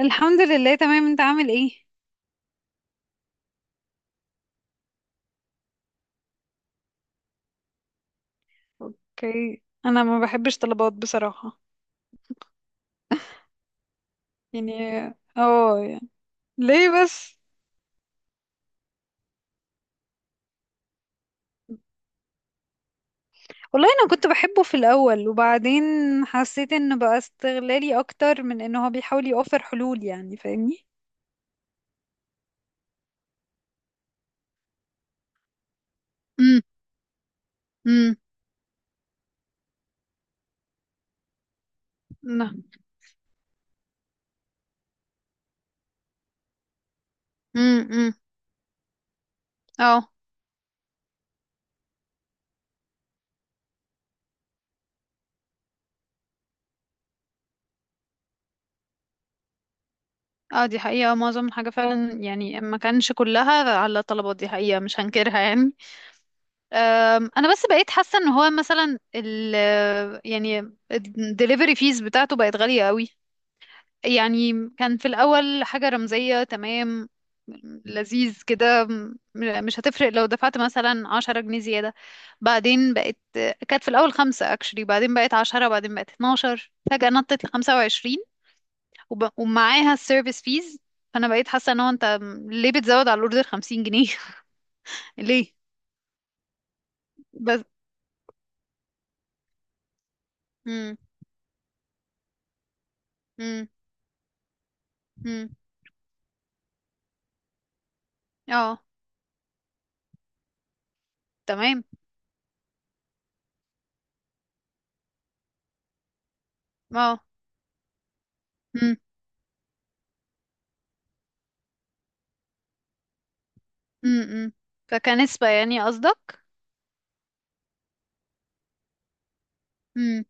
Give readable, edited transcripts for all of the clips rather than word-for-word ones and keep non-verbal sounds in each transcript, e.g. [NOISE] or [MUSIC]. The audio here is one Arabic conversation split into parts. الحمد لله، تمام. انت عامل ايه؟ اوكي، انا ما بحبش طلبات بصراحة. يعني. اه، يعني. ليه بس؟ والله انا كنت بحبه في الاول، وبعدين حسيت انه بقى استغلالي اكتر من انه هو بيحاول يوفر حلول. يعني فاهمني؟ امم. امم. نعم. امم. امم. اه. اه. دي حقيقة، معظم الحاجة فعلا، يعني ما كانش كلها على طلبات، دي حقيقة مش هنكرها يعني. انا بس بقيت حاسه ان هو مثلا يعني الدليفري فيز بتاعته بقت غاليه قوي. يعني كان في الاول حاجه رمزيه، تمام، لذيذ كده، مش هتفرق لو دفعت مثلا 10 جنيه زياده. بعدين بقت كانت في الاول خمسة اكشلي، بعدين بقت عشرة، بعدين بقت 12، فجاه نطت لخمسة وعشرين. ومعاها السيرفيس فيز. فانا بقيت حاسه ان هو، انت ليه بتزود على الاوردر 50 جنيه؟ [LAUGHS] ليه بس؟ امم. امم. امم. اه. تمام. اه. امم. امم. فكنسبة يعني قصدك؟ امم.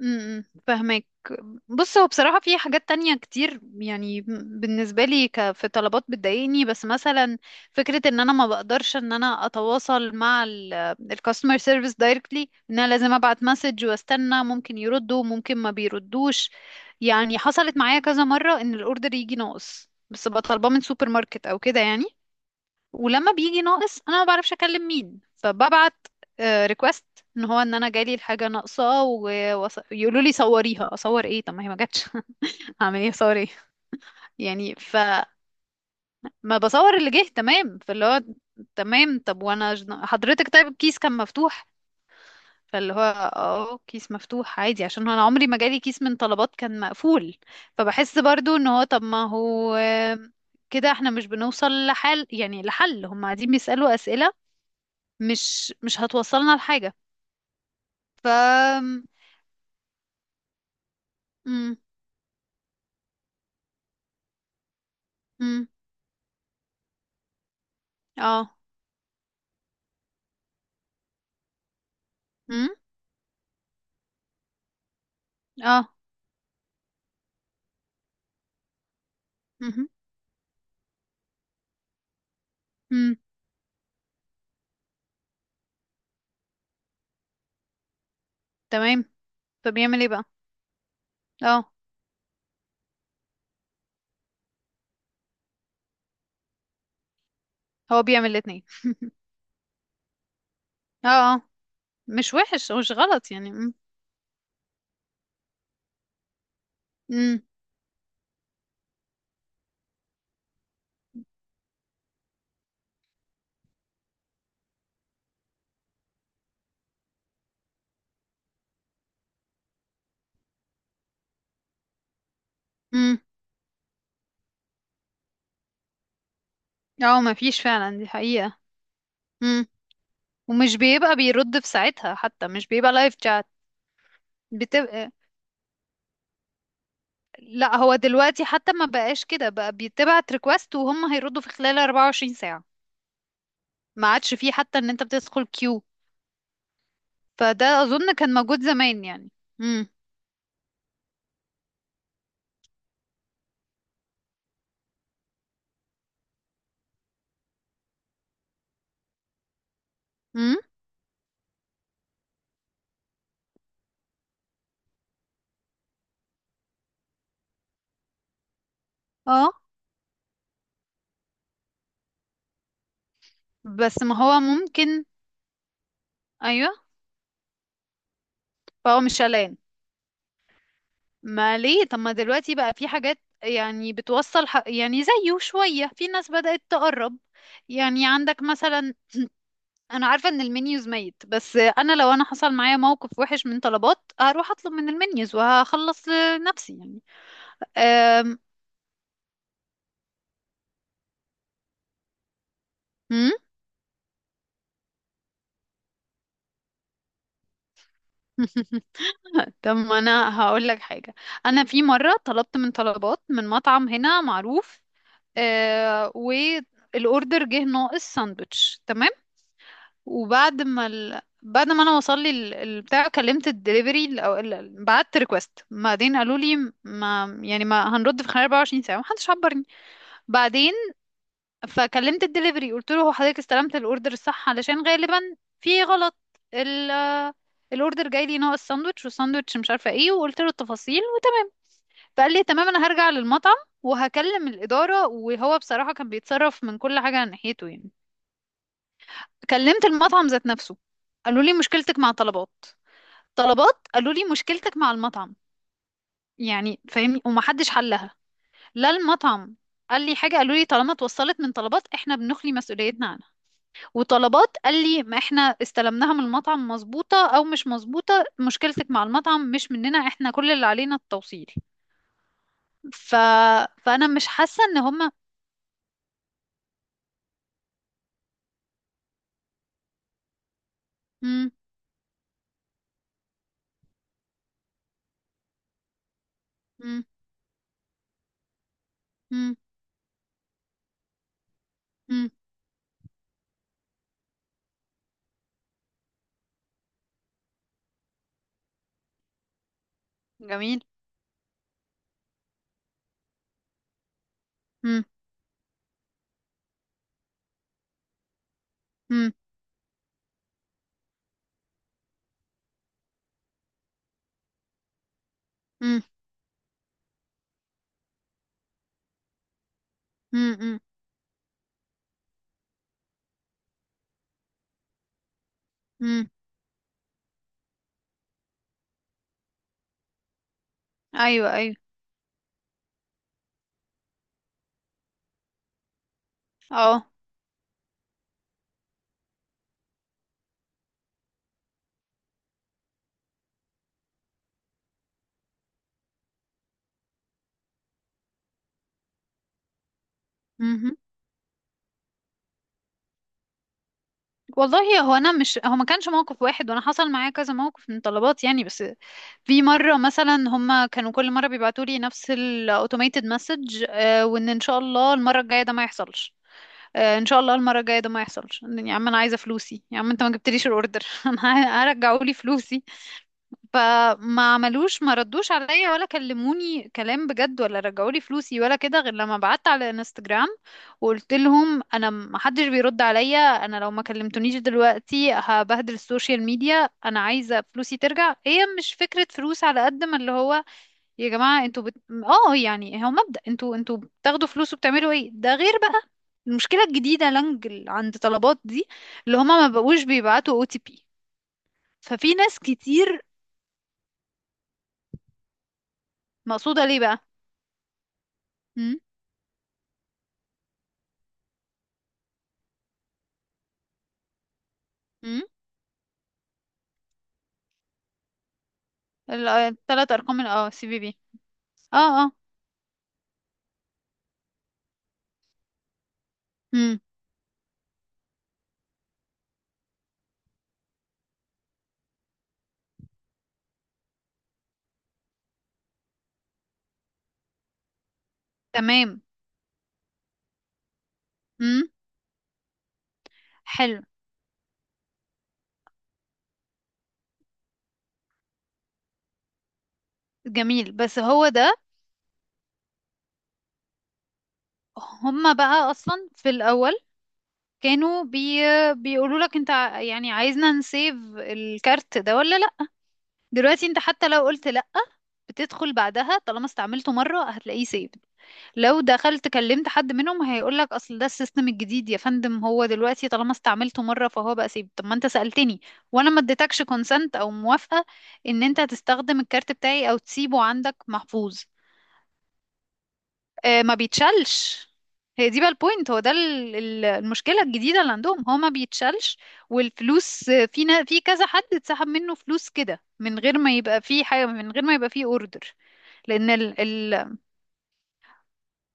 امم. فهمك. بص، هو بصراحة في حاجات تانية كتير يعني بالنسبة لي، في طلبات بتضايقني، بس مثلا فكرة ان انا ما بقدرش ان انا اتواصل مع الكاستمر سيرفيس دايركتلي، ان انا لازم ابعت مسج واستنى، ممكن يردوا ممكن ما بيردوش. يعني حصلت معايا كذا مرة ان الاوردر يجي ناقص، بس بطلباه من سوبر ماركت او كده يعني. ولما بيجي ناقص انا ما بعرفش اكلم مين، فببعت ريكوست ان هو، ان انا جالي الحاجه ناقصه، ويقولوا لي صوريها. اصور ايه؟ طب ما هي ما جاتش. [LAUGHS] اعمل ايه؟ اصور ايه؟ يعني فما بصور اللي جه، تمام، فاللي هو تمام. طب وانا حضرتك، طيب، الكيس كان مفتوح. فاللي هو اه، كيس مفتوح عادي، عشان انا عمري ما جالي كيس من طلبات كان مقفول. فبحس برضو ان هو، طب ما هو كده احنا مش بنوصل لحل، يعني لحل. هم قاعدين بيسألوا أسئلة، مش هتوصلنا لحاجة. ف مم. مم. اه. مم. اه. مهم. مم. تمام. فبيعمل ايه بقى؟ اه، هو بيعمل الاتنين. اه، اه، مش وحش، مش غلط يعني. مم. مم. مم. اه، ما فيش فعلا، دي حقيقة. مم. ومش بيبقى بيرد في ساعتها حتى، مش بيبقى لايف شات. بتبقى. لا، هو دلوقتي حتى ما بقاش كده، بقى بيتبعت ريكوست وهم هيردوا في خلال 24 ساعة. ما عادش فيه حتى ان انت بتدخل كيو. فده اظن كان موجود زمان يعني. امم. امم. اه، بس ما هو ممكن. ايوه. فهو مش قلقان. ما ليه؟ طب ما دلوقتي بقى في حاجات يعني بتوصل يعني زيه شوية، في ناس بدأت تقرب. يعني عندك مثلا انا عارفة ان المنيوز ميت، بس انا لو انا حصل معايا موقف وحش من طلبات، هروح اطلب من المنيوز وهخلص لنفسي يعني. أم... مم؟ [LAUGHS] طب ما انا هقول لك حاجة. انا في مرة طلبت من طلبات من مطعم هنا معروف، آه، والاوردر جه ناقص ساندوتش، تمام. وبعد ما ال... بعد ما انا وصل لي البتاع، كلمت الدليفري او بعت ريكوست، بعدين قالوا لي ما يعني، ما هنرد في خلال 24 ساعه، ما حدش عبرني. بعدين فكلمت الدليفري قلت له، هو حضرتك استلمت الاوردر الصح؟ علشان غالبا في غلط. ال الاوردر جاي لي ناقص ساندوتش، والساندوتش مش عارفه ايه، وقلت له التفاصيل. فقال لي تمام، انا هرجع للمطعم وهكلم الاداره، وهو بصراحه كان بيتصرف من كل حاجه ناحيته يعني. كلمت المطعم ذات نفسه، قالوا لي مشكلتك مع طلبات. طلبات قالوا لي مشكلتك مع المطعم. يعني فاهمني؟ ومحدش حلها. لا، المطعم قال لي حاجه، قالوا لي طالما اتوصلت من طلبات، احنا بنخلي مسؤوليتنا عنها. وطلبات قال لي ما احنا استلمناها من المطعم مظبوطه او مش مظبوطه، مشكلتك مع المطعم مش مننا، احنا كل اللي علينا التوصيل. ف... فانا مش حاسه ان هما. مم. مم. مم. مم. جميل. مم. مم. مم. مم. مم. مم. ايوه، ايوه. اه. مهم. والله، هو انا مش، هو ما كانش موقف واحد، وانا حصل معايا كذا موقف من طلبات يعني، بس في مره مثلا هما كانوا كل مره بيبعتوا لي نفس الاوتوميتد مسج، وان ان شاء الله المره الجايه ده ما يحصلش. آه، ان شاء الله المره الجايه ده ما يحصلش، يا عم انا عايزه فلوسي، يا عم انت ما جبتليش الاوردر. [LAUGHS] انا هرجعوا لي فلوسي. فما عملوش، ما ردوش عليا، ولا كلموني كلام بجد، ولا رجعوا لي فلوسي، ولا كده، غير لما بعت على انستجرام، وقلت لهم، انا ما حدش بيرد عليا، انا لو ما كلمتونيش دلوقتي هبهدل السوشيال ميديا، انا عايزه فلوسي ترجع. هي مش فكره فلوس على قد ما اللي هو، يا جماعه انتوا اه، يعني هو مبدأ، انتوا بتاخدوا فلوس وبتعملوا ايه، ده غير بقى المشكله الجديده لانج عند طلبات دي، اللي هما ما بقوش بيبعتوا OTP. ففي ناس كتير. مقصوده ليه بقى؟ امم. امم. الثلاث ارقام CVB. اه. اه. امم. تمام. امم. حلو. جميل بس هو ده. هما بقى اصلا في الاول كانوا بيقولوا لك انت يعني عايزنا نسيف الكارت ده ولا لا؟ دلوقتي انت حتى لو قلت لأ، بتدخل بعدها طالما استعملته مرة هتلاقيه saved. لو دخلت كلمت حد منهم هيقولك، اصل ده السيستم الجديد يا فندم، هو دلوقتي طالما استعملته مرة فهو بقى saved. طب ما انت سألتني وانا ما اديتكش consent او موافقة ان انت هتستخدم الكارت بتاعي او تسيبه عندك محفوظ. آه، ما بيتشالش. هي دي بقى البوينت، هو ده المشكلة الجديدة اللي عندهم، هو ما بيتشالش. والفلوس، في كذا حد اتسحب منه فلوس كده، من غير ما يبقى فيه حاجة، من غير ما يبقى فيه اوردر. لأن ال... ال...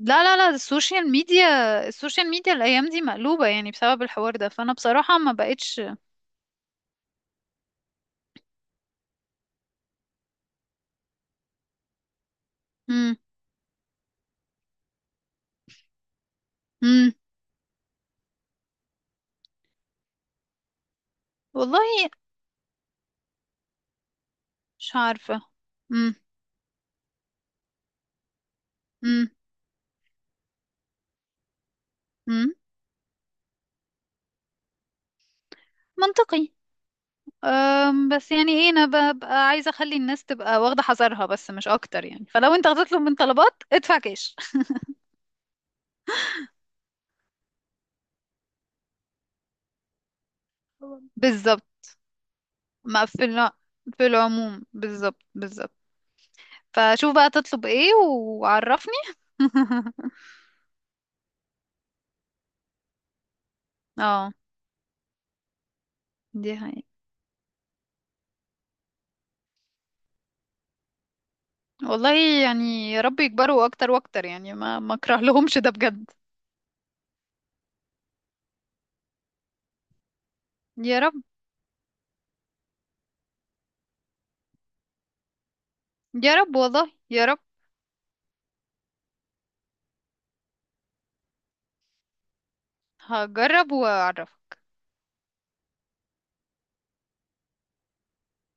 لا، لا، لا، السوشيال ميديا. السوشيال ميديا الأيام دي مقلوبة يعني بسبب الحوار ده، فأنا بصراحة ما بقتش. مم. مم. والله مش عارفة. مم. مم. مم. منطقي. بس يعني ايه، انا ببقى عايزه اخلي الناس تبقى واخده حذرها، بس مش اكتر يعني. فلو انت هتطلب من طلبات ادفع كاش [LAUGHS] طبعاً. بالظبط. ما في الع... في العموم، بالظبط، بالظبط. فشوف بقى تطلب ايه وعرفني. [LAUGHS] اه، دي حقيقة. والله، يعني يا رب يكبروا اكتر واكتر، يعني ما اكره لهمش ده بجد. يا رب، يا رب، والله يا رب. هجرب واعرف.